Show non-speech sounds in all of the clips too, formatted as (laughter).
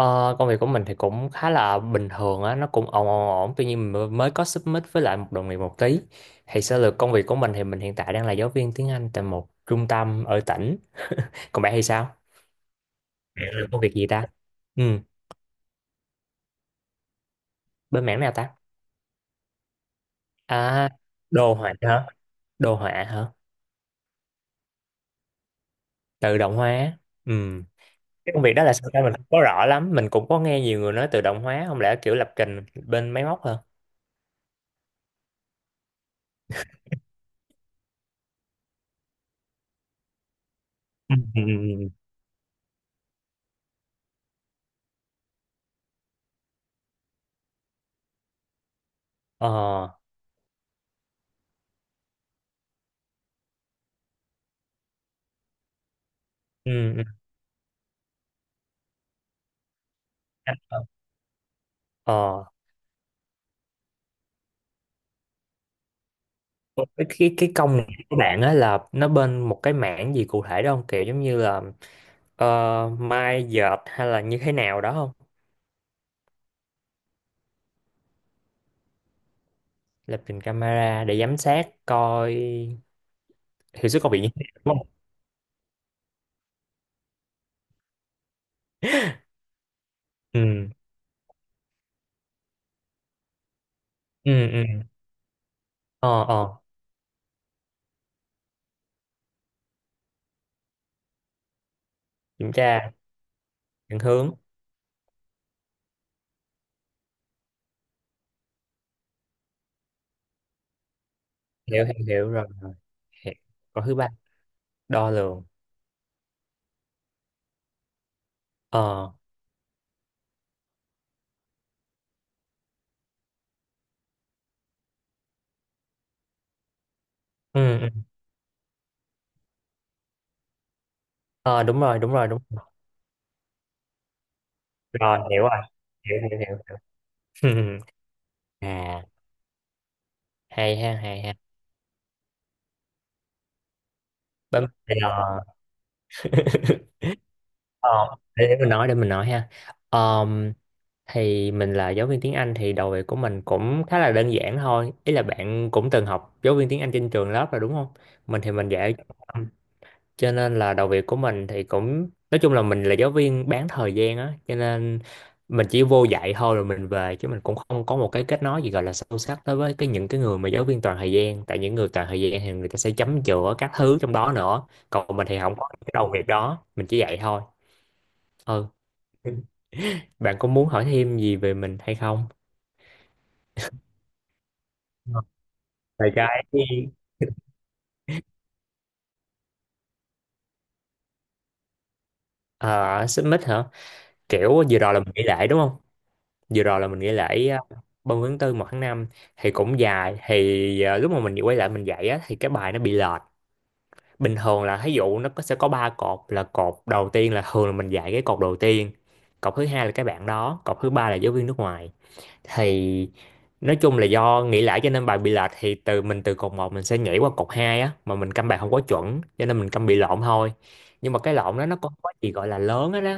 Ờ, công việc của mình thì cũng khá là bình thường á, nó cũng ổn ổn ổn, tuy nhiên mình mới có submit với lại một đồng nghiệp một tí. Thì sơ lược công việc của mình thì mình hiện tại đang là giáo viên tiếng Anh tại một trung tâm ở tỉnh. Còn bạn thì sao? Bạn làm công việc gì ta? Ừ, bên mảng nào ta? À, đồ họa hả? Đồ họa hả? Tự động hóa. Ừ. Cái công việc đó là sao ta? Mình không có rõ lắm, mình cũng có nghe nhiều người nói tự động hóa, không lẽ kiểu lập trình bên máy móc hả? Ừ. ừ, ừ, ừ. Ờ. Ừ. ừ. Ờ. Cái công này của bạn á là nó bên một cái mảng gì cụ thể đó không, kiểu giống như là mai dợt hay là như thế nào đó không? Lập trình camera để giám sát coi hiệu suất công việc như thế nào đúng không? Ừ, ừ, ừ. Ờ, ờ. Kiểm tra, định hướng. Hiểu hiểu hiểu rồi rồi, hiểu. Còn thứ ba, đo lường. Ờ. Ừ, ừ. Ờ, đúng rồi, đúng rồi, đúng rồi. Rồi, hiểu rồi. Hiểu hiểu. (laughs) À, hay ha, hay ha. Bấm. Ờ. (laughs) Ờ, để mình nói, để mình nói. Ha. Ờm, thì mình là giáo viên tiếng Anh, thì đầu việc của mình cũng khá là đơn giản thôi. Ý là bạn cũng từng học giáo viên tiếng Anh trên trường lớp rồi đúng không? Mình thì mình dạy trung tâm. Cho nên là đầu việc của mình thì cũng nói chung là mình là giáo viên bán thời gian á, cho nên mình chỉ vô dạy thôi rồi mình về, chứ mình cũng không có một cái kết nối gì gọi là sâu sắc đối với cái những cái người mà giáo viên toàn thời gian, tại những người toàn thời gian thì người ta sẽ chấm chữa các thứ trong đó nữa. Còn mình thì không có cái đầu việc đó, mình chỉ dạy thôi. Ừ, bạn có muốn hỏi thêm gì về mình hay không? Về cái ờ, xích mích hả? Kiểu vừa rồi là mình nghỉ lễ đúng không? Vừa rồi là mình nghỉ lễ 30 tháng tư một tháng năm, thì cũng dài. Thì lúc mà mình quay lại mình dạy á, thì cái bài nó bị lệch. Bình thường là thí dụ nó có, sẽ có ba cột, là cột đầu tiên là thường là mình dạy cái cột đầu tiên. Cột thứ hai là cái bạn đó, cột thứ ba là giáo viên nước ngoài. Thì nói chung là do nghĩ lại cho nên bài bị lệch, thì từ mình từ cột một mình sẽ nhảy qua cột 2 á, mà mình câm bài không có chuẩn cho nên mình câm bị lộn thôi. Nhưng mà cái lộn đó nó có gì gọi là lớn á đó,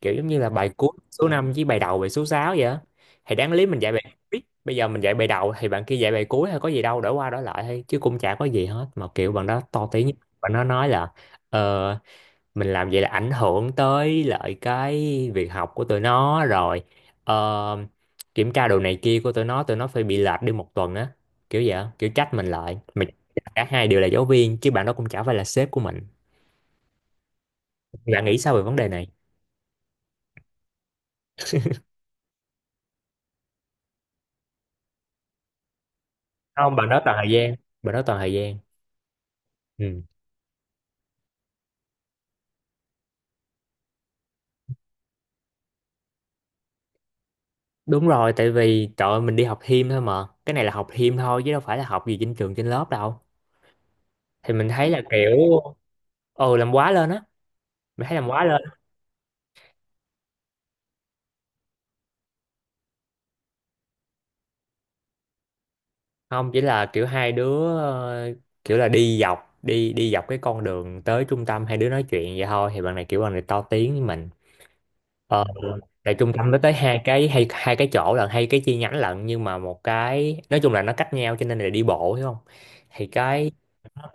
kiểu giống như là bài cuối số 5 với bài đầu bài số 6 vậy á. Thì đáng lý mình dạy bài cuối, bây giờ mình dạy bài đầu thì bạn kia dạy bài cuối, hay có gì đâu, đổi qua đổi lại thôi chứ cũng chả có gì hết, mà kiểu bạn đó to tiếng. Bạn nó nói là ờ, mình làm vậy là ảnh hưởng tới lại cái việc học của tụi nó rồi, ờ, kiểm tra đồ này kia của tụi nó, tụi nó phải bị lệch đi một tuần á, kiểu vậy á, kiểu trách mình. Lại mình, cả hai đều là giáo viên chứ bạn đó cũng chả phải là sếp của mình. Bạn nghĩ sao về vấn đề này? Không, bạn đó toàn thời gian. Bạn đó toàn thời gian. Ừ. Đúng rồi, tại vì trời ơi, mình đi học thêm thôi, mà cái này là học thêm thôi chứ đâu phải là học gì trên trường trên lớp đâu. Thì mình thấy là kiểu, ừ, làm quá lên á. Mình thấy làm quá lên. Không, chỉ là kiểu hai đứa kiểu là đi dọc cái con đường tới trung tâm, hai đứa nói chuyện vậy thôi, thì bạn này kiểu bạn này to tiếng với mình. Ờ, tại trung tâm nó tới hai cái, hay hai cái chỗ lận, hay cái chi nhánh lận, nhưng mà một cái nói chung là nó cách nhau cho nên là đi bộ, hiểu không? Thì,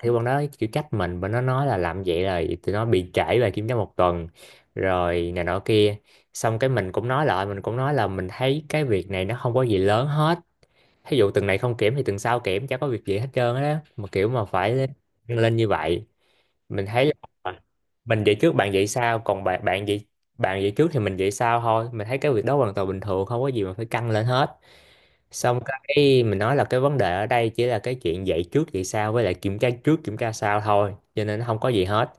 thì bọn nó kiểu trách mình, bọn nó nói là làm vậy là tụi nó bị trễ về kiểm tra một tuần rồi này nọ kia. Xong cái mình cũng nói lại, mình cũng nói là mình thấy cái việc này nó không có gì lớn hết. Thí dụ tuần này không kiểm thì tuần sau kiểm, chả có việc gì hết trơn á, mà kiểu mà phải lên lên như vậy. Mình thấy là mình dậy trước bạn dậy sau, còn bạn bạn dậy, bạn dậy trước thì mình dậy sau thôi, mình thấy cái việc đó hoàn toàn bình thường, không có gì mà phải căng lên hết. Xong cái mình nói là cái vấn đề ở đây chỉ là cái chuyện dậy trước dậy sau với lại kiểm tra trước kiểm tra sau thôi, cho nên nó không có gì hết.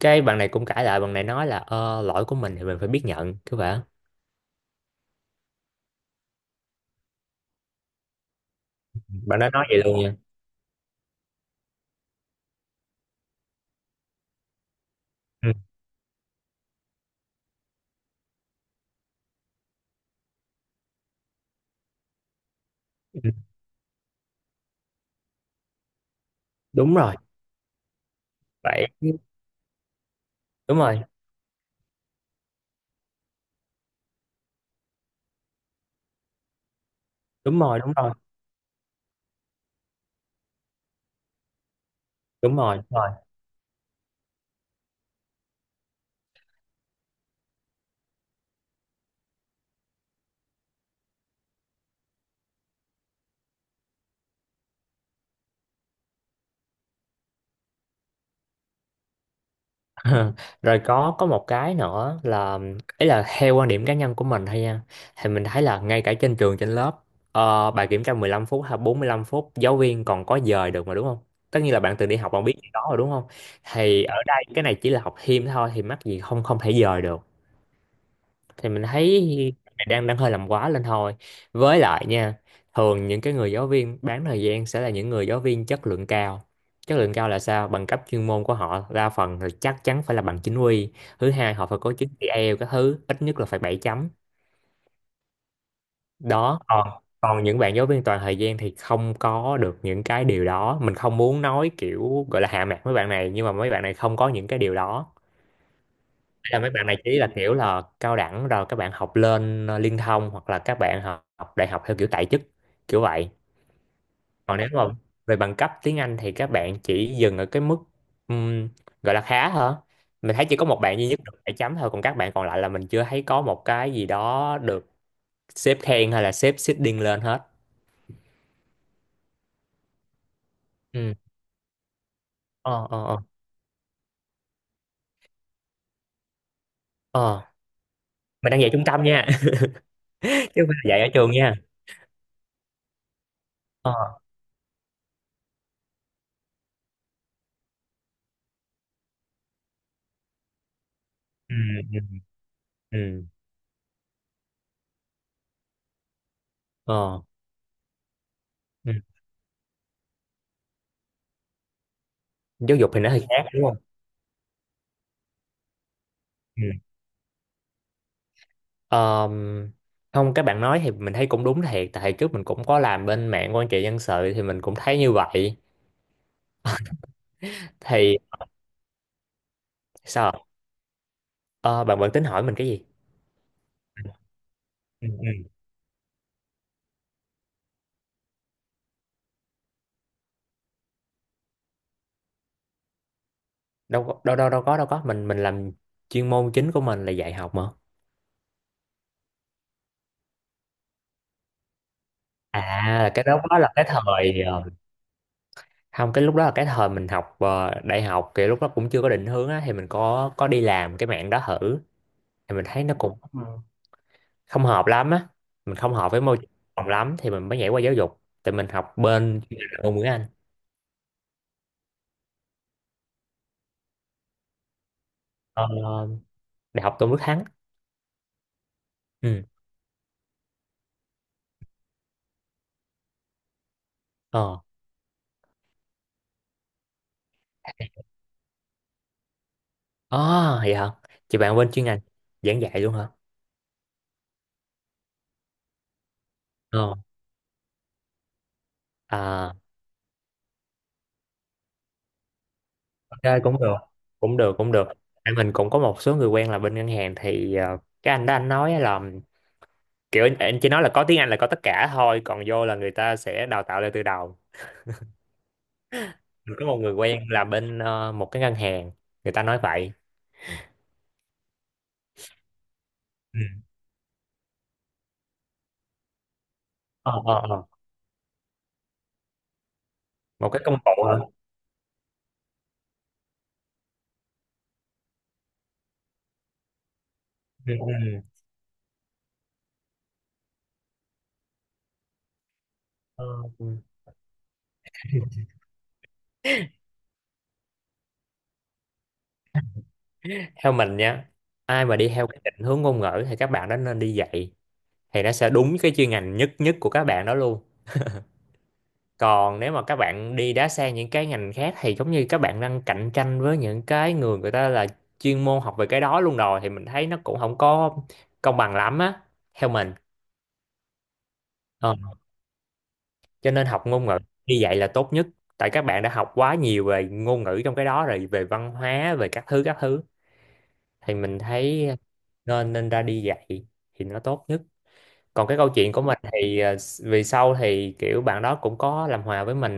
Cái bạn này cũng cãi lại, bạn này nói là lỗi của mình thì mình phải biết nhận cứ vậy. Bạn đó nói vậy luôn nha. Ừ. Ừ, đúng rồi vậy, đúng rồi đúng rồi đúng rồi đúng rồi đúng rồi. (laughs) Rồi có một cái nữa là, ấy là theo quan điểm cá nhân của mình thôi nha, thì mình thấy là ngay cả trên trường trên lớp, bài kiểm tra 15 phút hay 45 phút giáo viên còn có dời được mà đúng không? Tất nhiên là bạn từng đi học, bạn biết cái đó rồi đúng không? Thì ở đây cái này chỉ là học thêm thôi, thì mắc gì không không thể dời được. Thì mình thấy đang đang hơi làm quá lên thôi. Với lại nha, thường những cái người giáo viên bán thời gian sẽ là những người giáo viên chất lượng cao. Chất lượng cao là sao? Bằng cấp chuyên môn của họ đa phần là chắc chắn phải là bằng chính quy. Thứ hai, họ phải có chứng chỉ IELTS các thứ, ít nhất là phải 7 chấm. Đó, còn còn những bạn giáo viên toàn thời gian thì không có được những cái điều đó. Mình không muốn nói kiểu gọi là hạ mặt mấy bạn này, nhưng mà mấy bạn này không có những cái điều đó. Là mấy bạn này chỉ là kiểu là cao đẳng rồi các bạn học lên liên thông, hoặc là các bạn học đại học theo kiểu tại chức, kiểu vậy. Còn nếu mà về bằng cấp tiếng Anh thì các bạn chỉ dừng ở cái mức, ừm, gọi là khá hả? Mình thấy chỉ có một bạn duy nhất được 7 chấm thôi, còn các bạn còn lại là mình chưa thấy có một cái gì đó được sếp khen hay là sếp seeding lên hết. Ừ. Ờ, ờ, ờ. Ờ, mình đang dạy trung tâm nha, (laughs) chứ không phải là dạy ở trường nha. Ờ. Ừ, ừ, ừ. Ờ. Ừ. Giáo dục thì nó hơi khác đúng không? Ừ. Ờm, Không, các bạn nói thì mình thấy cũng đúng thiệt, tại trước mình cũng có làm bên mạng quan trị dân sự thì mình cũng thấy như vậy. Thì sao? Ờ, bạn bạn tính hỏi mình cái gì? Ừ, ừ. đâu có- đâu đâu đâu có mình làm, chuyên môn chính của mình là dạy học mà. À, cái đó đó là cái thời không, cái lúc đó là cái thời mình học đại học, thì lúc đó cũng chưa có định hướng á, thì mình có đi làm cái mạng đó thử. Thì mình thấy nó cũng không hợp lắm á, mình không hợp với môi trường phòng lắm, thì mình mới nhảy qua giáo dục tại mình học bên chuyên ngành ngôn ngữ Anh. ờ, Đại học Tôn Đức Thắng. Ừ. Ờ. À, vậy hả? Chị bạn bên chuyên ngành giảng dạy luôn hả? Ờ. À, ok cũng được, cũng được. Tại mình cũng có một số người quen là bên ngân hàng, thì cái anh đó anh nói á là kiểu anh, chỉ nói là có tiếng Anh là có tất cả thôi, còn vô là người ta sẽ đào tạo lại từ đầu. Mình có một người quen là bên một cái ngân hàng, người ta nói vậy. Ừ. Ờ, ờ, ờ. Một cái công cụ hả? Ừ. Ừ. Ờ, ừ. Theo mình nha, ai mà đi theo cái định hướng ngôn ngữ thì các bạn đó nên đi dạy, thì nó sẽ đúng cái chuyên ngành nhất nhất của các bạn đó luôn. Còn nếu mà các bạn đi đá sang những cái ngành khác thì giống như các bạn đang cạnh tranh với những cái người, người ta là chuyên môn học về cái đó luôn rồi, thì mình thấy nó cũng không có công bằng lắm á, theo mình. Ờ. Cho nên học ngôn ngữ đi dạy là tốt nhất, tại các bạn đã học quá nhiều về ngôn ngữ trong cái đó rồi, về văn hóa về các thứ các thứ, thì mình thấy nên, nên ra đi dạy thì nó tốt nhất. Còn cái câu chuyện của mình thì vì sau thì kiểu bạn đó cũng có làm hòa với mình,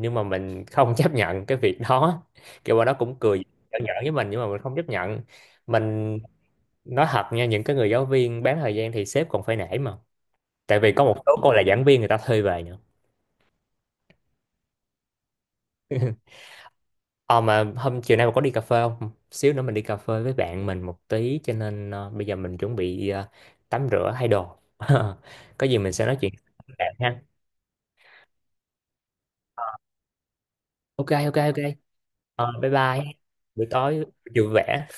nhưng mà mình không (laughs) chấp nhận cái việc đó, kiểu bạn đó cũng cười nhỏ nhỏ với mình nhưng mà mình không chấp nhận. Mình nói thật nha, những cái người giáo viên bán thời gian thì sếp còn phải nể mà, tại vì có một số cô là giảng viên người ta thuê về nữa. Ờ, mà hôm chiều nay mà có đi cà phê không? Xíu nữa mình đi cà phê với bạn mình một tí, cho nên bây giờ mình chuẩn bị tắm rửa thay đồ. (laughs) Có gì mình sẽ nói chuyện với bạn ha. Ok, ok, ok. Ờ, bye bye. Buổi tối vui vẻ.